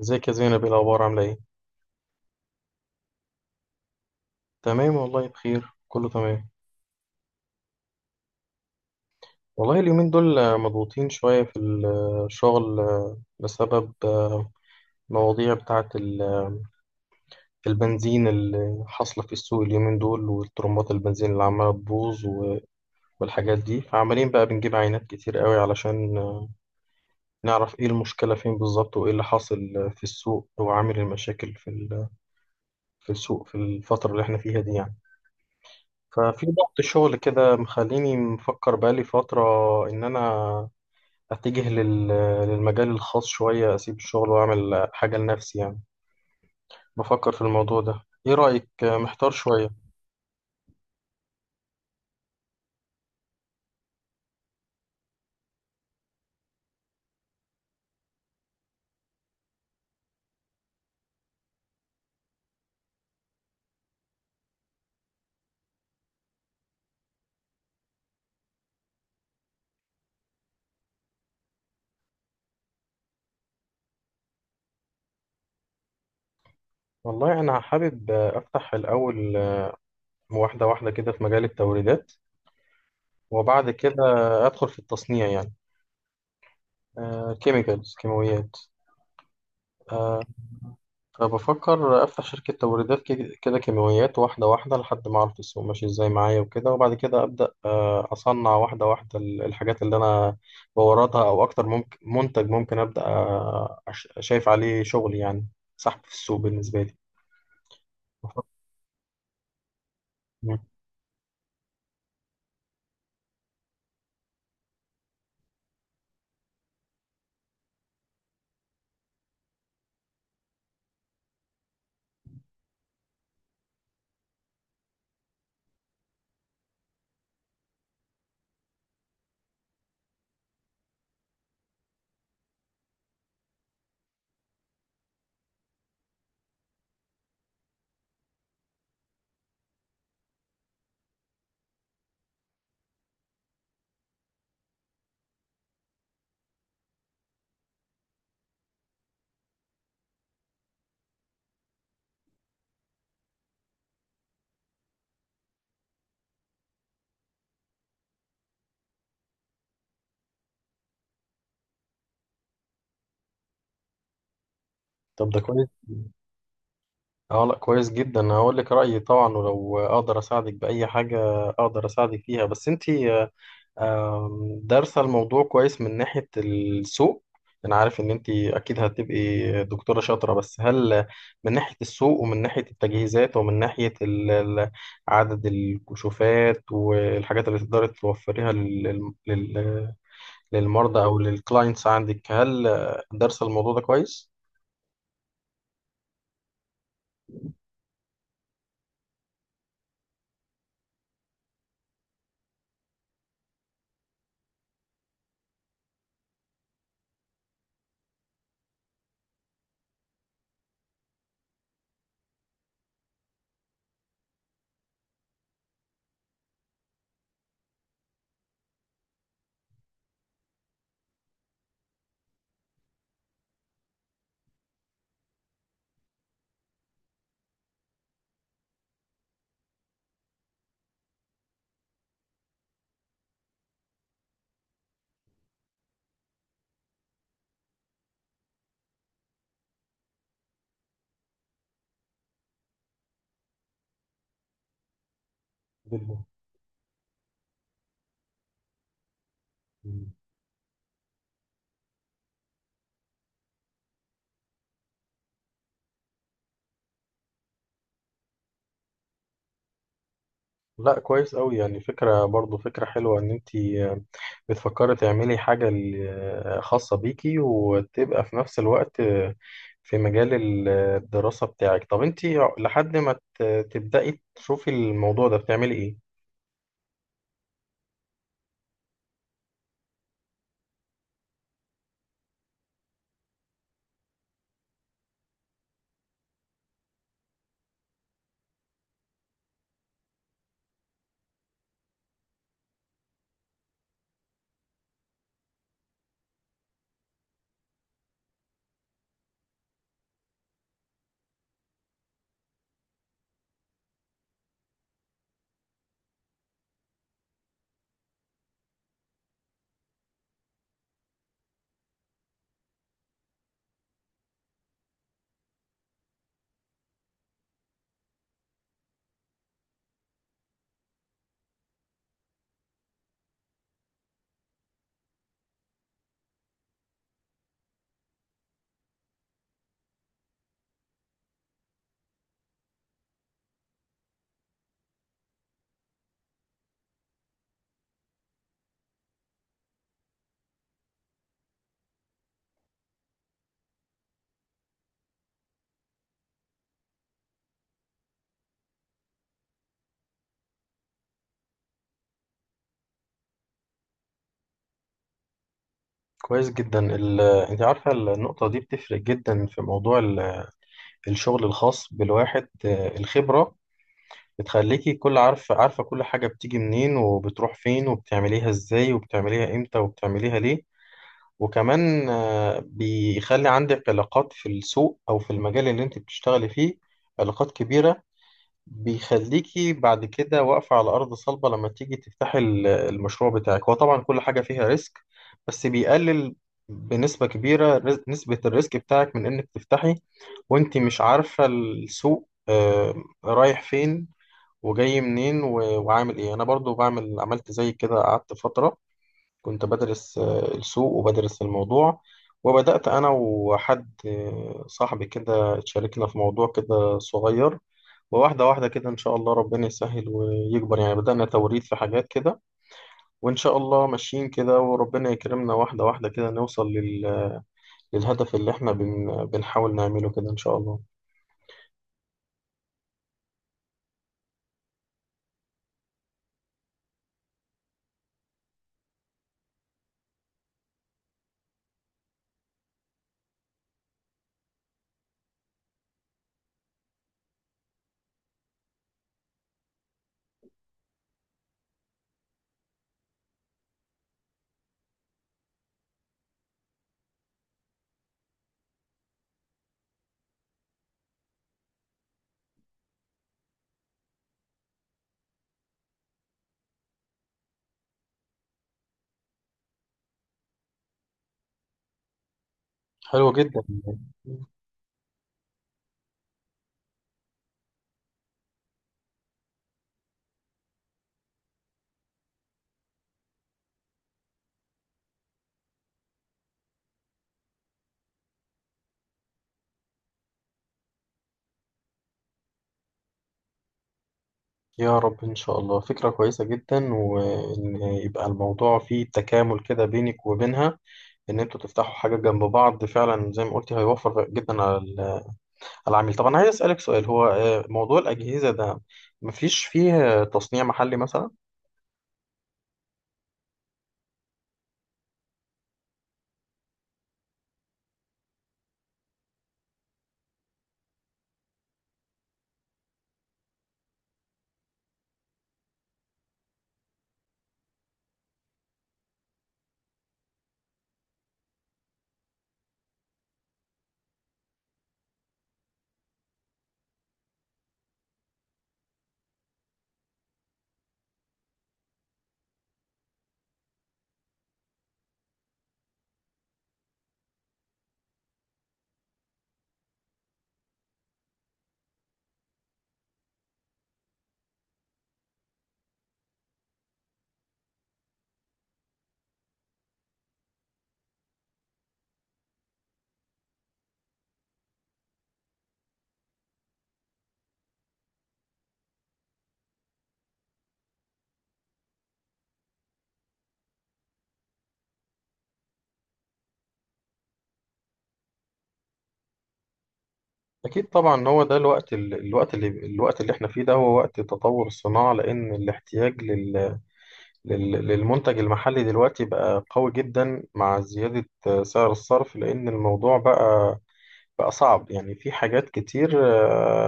ازيك يا زينب؟ ايه الاخبار؟ عامله ايه؟ تمام والله، بخير كله تمام. والله اليومين دول مضغوطين شويه في الشغل، بسبب مواضيع بتاعه البنزين اللي حاصله في السوق اليومين دول، والطرمبات البنزين اللي عماله تبوظ والحاجات دي. فعمالين بقى بنجيب عينات كتير قوي علشان نعرف ايه المشكله فين بالظبط وايه اللي حاصل في السوق وعامل المشاكل في في السوق في الفتره اللي احنا فيها دي يعني. ففي ضغط شغل كده مخليني مفكر بقالي فترة إن أنا أتجه للمجال الخاص شوية، أسيب الشغل وأعمل حاجة لنفسي يعني. بفكر في الموضوع ده، إيه رأيك؟ محتار شوية. والله أنا حابب أفتح الأول واحدة واحدة كده في مجال التوريدات، وبعد كده أدخل في التصنيع يعني، كيميكالز كيماويات. آه، فبفكر أفتح شركة توريدات كده كده كيماويات واحدة واحدة لحد ما أعرف السوق ماشي إزاي معايا وكده، وبعد كده أبدأ أصنع واحدة واحدة الحاجات اللي أنا بوردها، أو أكتر ممكن منتج ممكن أبدأ شايف عليه شغل يعني، سحب في السوق بالنسبة لي. بفكر- مم. طب ده كويس. اه لا كويس جدا، هقول لك رأيي طبعا، ولو اقدر اساعدك بأي حاجة اقدر اساعدك فيها. بس انتي آه، آم، دارسة الموضوع كويس من ناحية السوق؟ أنا عارف إن أنت أكيد هتبقي دكتورة شاطرة، بس هل من ناحية السوق ومن ناحية التجهيزات ومن ناحية عدد الكشوفات والحاجات اللي تقدري توفريها للمرضى أو للكلاينتس عندك، هل دارسة الموضوع ده كويس؟ جدا. لا كويس قوي، يعني فكرة برضو، فكرة حلوة ان انتي بتفكري تعملي حاجة خاصة بيكي، وتبقى في نفس الوقت في مجال الدراسة بتاعك. طب انتي لحد ما تبدأي تشوفي الموضوع ده بتعملي ايه؟ كويس جدا. انتي عارفة النقطة دي بتفرق جدا في موضوع الشغل الخاص بالواحد، الخبرة بتخليكي كل عارفة عارفة كل حاجة بتيجي منين وبتروح فين وبتعمليها ازاي وبتعمليها امتى وبتعمليها ليه. وكمان بيخلي عندك علاقات في السوق أو في المجال اللي أنت بتشتغلي فيه، علاقات كبيرة. بيخليكي بعد كده واقفة على أرض صلبة لما تيجي تفتحي المشروع بتاعك. هو طبعا كل حاجة فيها ريسك، بس بيقلل بنسبة كبيرة نسبة الريسك بتاعك من إنك تفتحي وأنت مش عارفة السوق رايح فين وجاي منين وعامل إيه. أنا برضو بعمل، عملت زي كده، قعدت فترة كنت بدرس السوق وبدرس الموضوع، وبدأت أنا وحد صاحبي كده اتشاركنا في موضوع كده صغير، وواحدة واحدة كده إن شاء الله ربنا يسهل ويكبر يعني. بدأنا توريد في حاجات كده، وإن شاء الله ماشيين كده وربنا يكرمنا، واحدة واحدة كده نوصل للهدف اللي إحنا بنحاول نعمله كده إن شاء الله. حلو جدا. يا رب إن شاء الله، فكرة كويسة جدا، وإن يبقى الموضوع فيه تكامل كده بينك وبينها ان انتوا تفتحوا حاجه جنب بعض. فعلا زي ما قلتي هيوفر جدا على على العميل. طب انا عايز اسالك سؤال، هو موضوع الاجهزه ده مفيش فيه تصنيع محلي مثلا؟ اكيد طبعا. هو ده الوقت، الوقت اللي احنا فيه ده هو وقت تطور الصناعه، لان الاحتياج للمنتج المحلي دلوقتي بقى قوي جدا، مع زياده سعر الصرف. لان الموضوع بقى صعب يعني. في حاجات كتير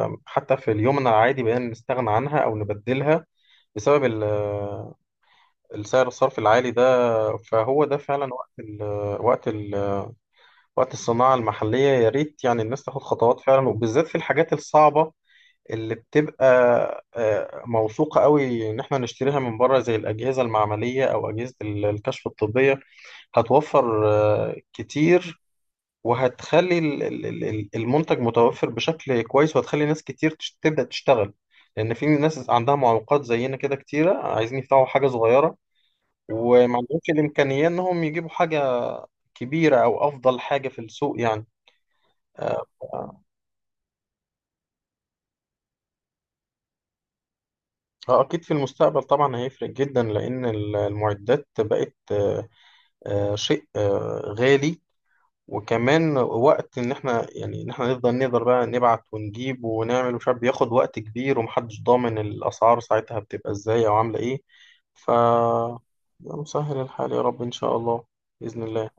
حتى في اليوم العادي بقينا نستغنى عنها او نبدلها بسبب السعر الصرفي العالي ده. فهو ده فعلا وقت ال وقت الصناعة المحلية. يا ريت يعني الناس تاخد خطوات فعلا، وبالذات في الحاجات الصعبة اللي بتبقى موثوقة قوي ان احنا نشتريها من بره، زي الأجهزة المعملية او أجهزة الكشف الطبية. هتوفر كتير، وهتخلي المنتج متوفر بشكل كويس، وهتخلي ناس كتير تبدأ تشتغل، لأن في ناس عندها معوقات زينا كده كتيرة عايزين يفتحوا حاجة صغيرة وما عندهمش الإمكانية إنهم يجيبوا حاجة كبيرة أو أفضل حاجة في السوق يعني. آه، أكيد في المستقبل طبعا هيفرق جدا، لأن المعدات بقت شيء غالي، وكمان وقت إن إحنا يعني إن إحنا نفضل نقدر بقى نبعت ونجيب ونعمل ومش عارف، بياخد وقت كبير ومحدش ضامن الأسعار ساعتها بتبقى إزاي أو عاملة إيه. ف مسهل الحال يا رب إن شاء الله، بإذن الله.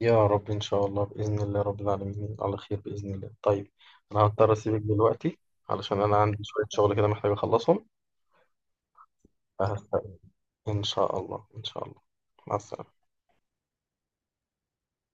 يا رب إن شاء الله، بإذن الله رب العالمين على خير بإذن الله. طيب، أنا هضطر أسيبك دلوقتي علشان أنا عندي شوية شغل كده محتاج أخلصهم، فهستأذن. إن شاء الله إن شاء الله. مع السلامة.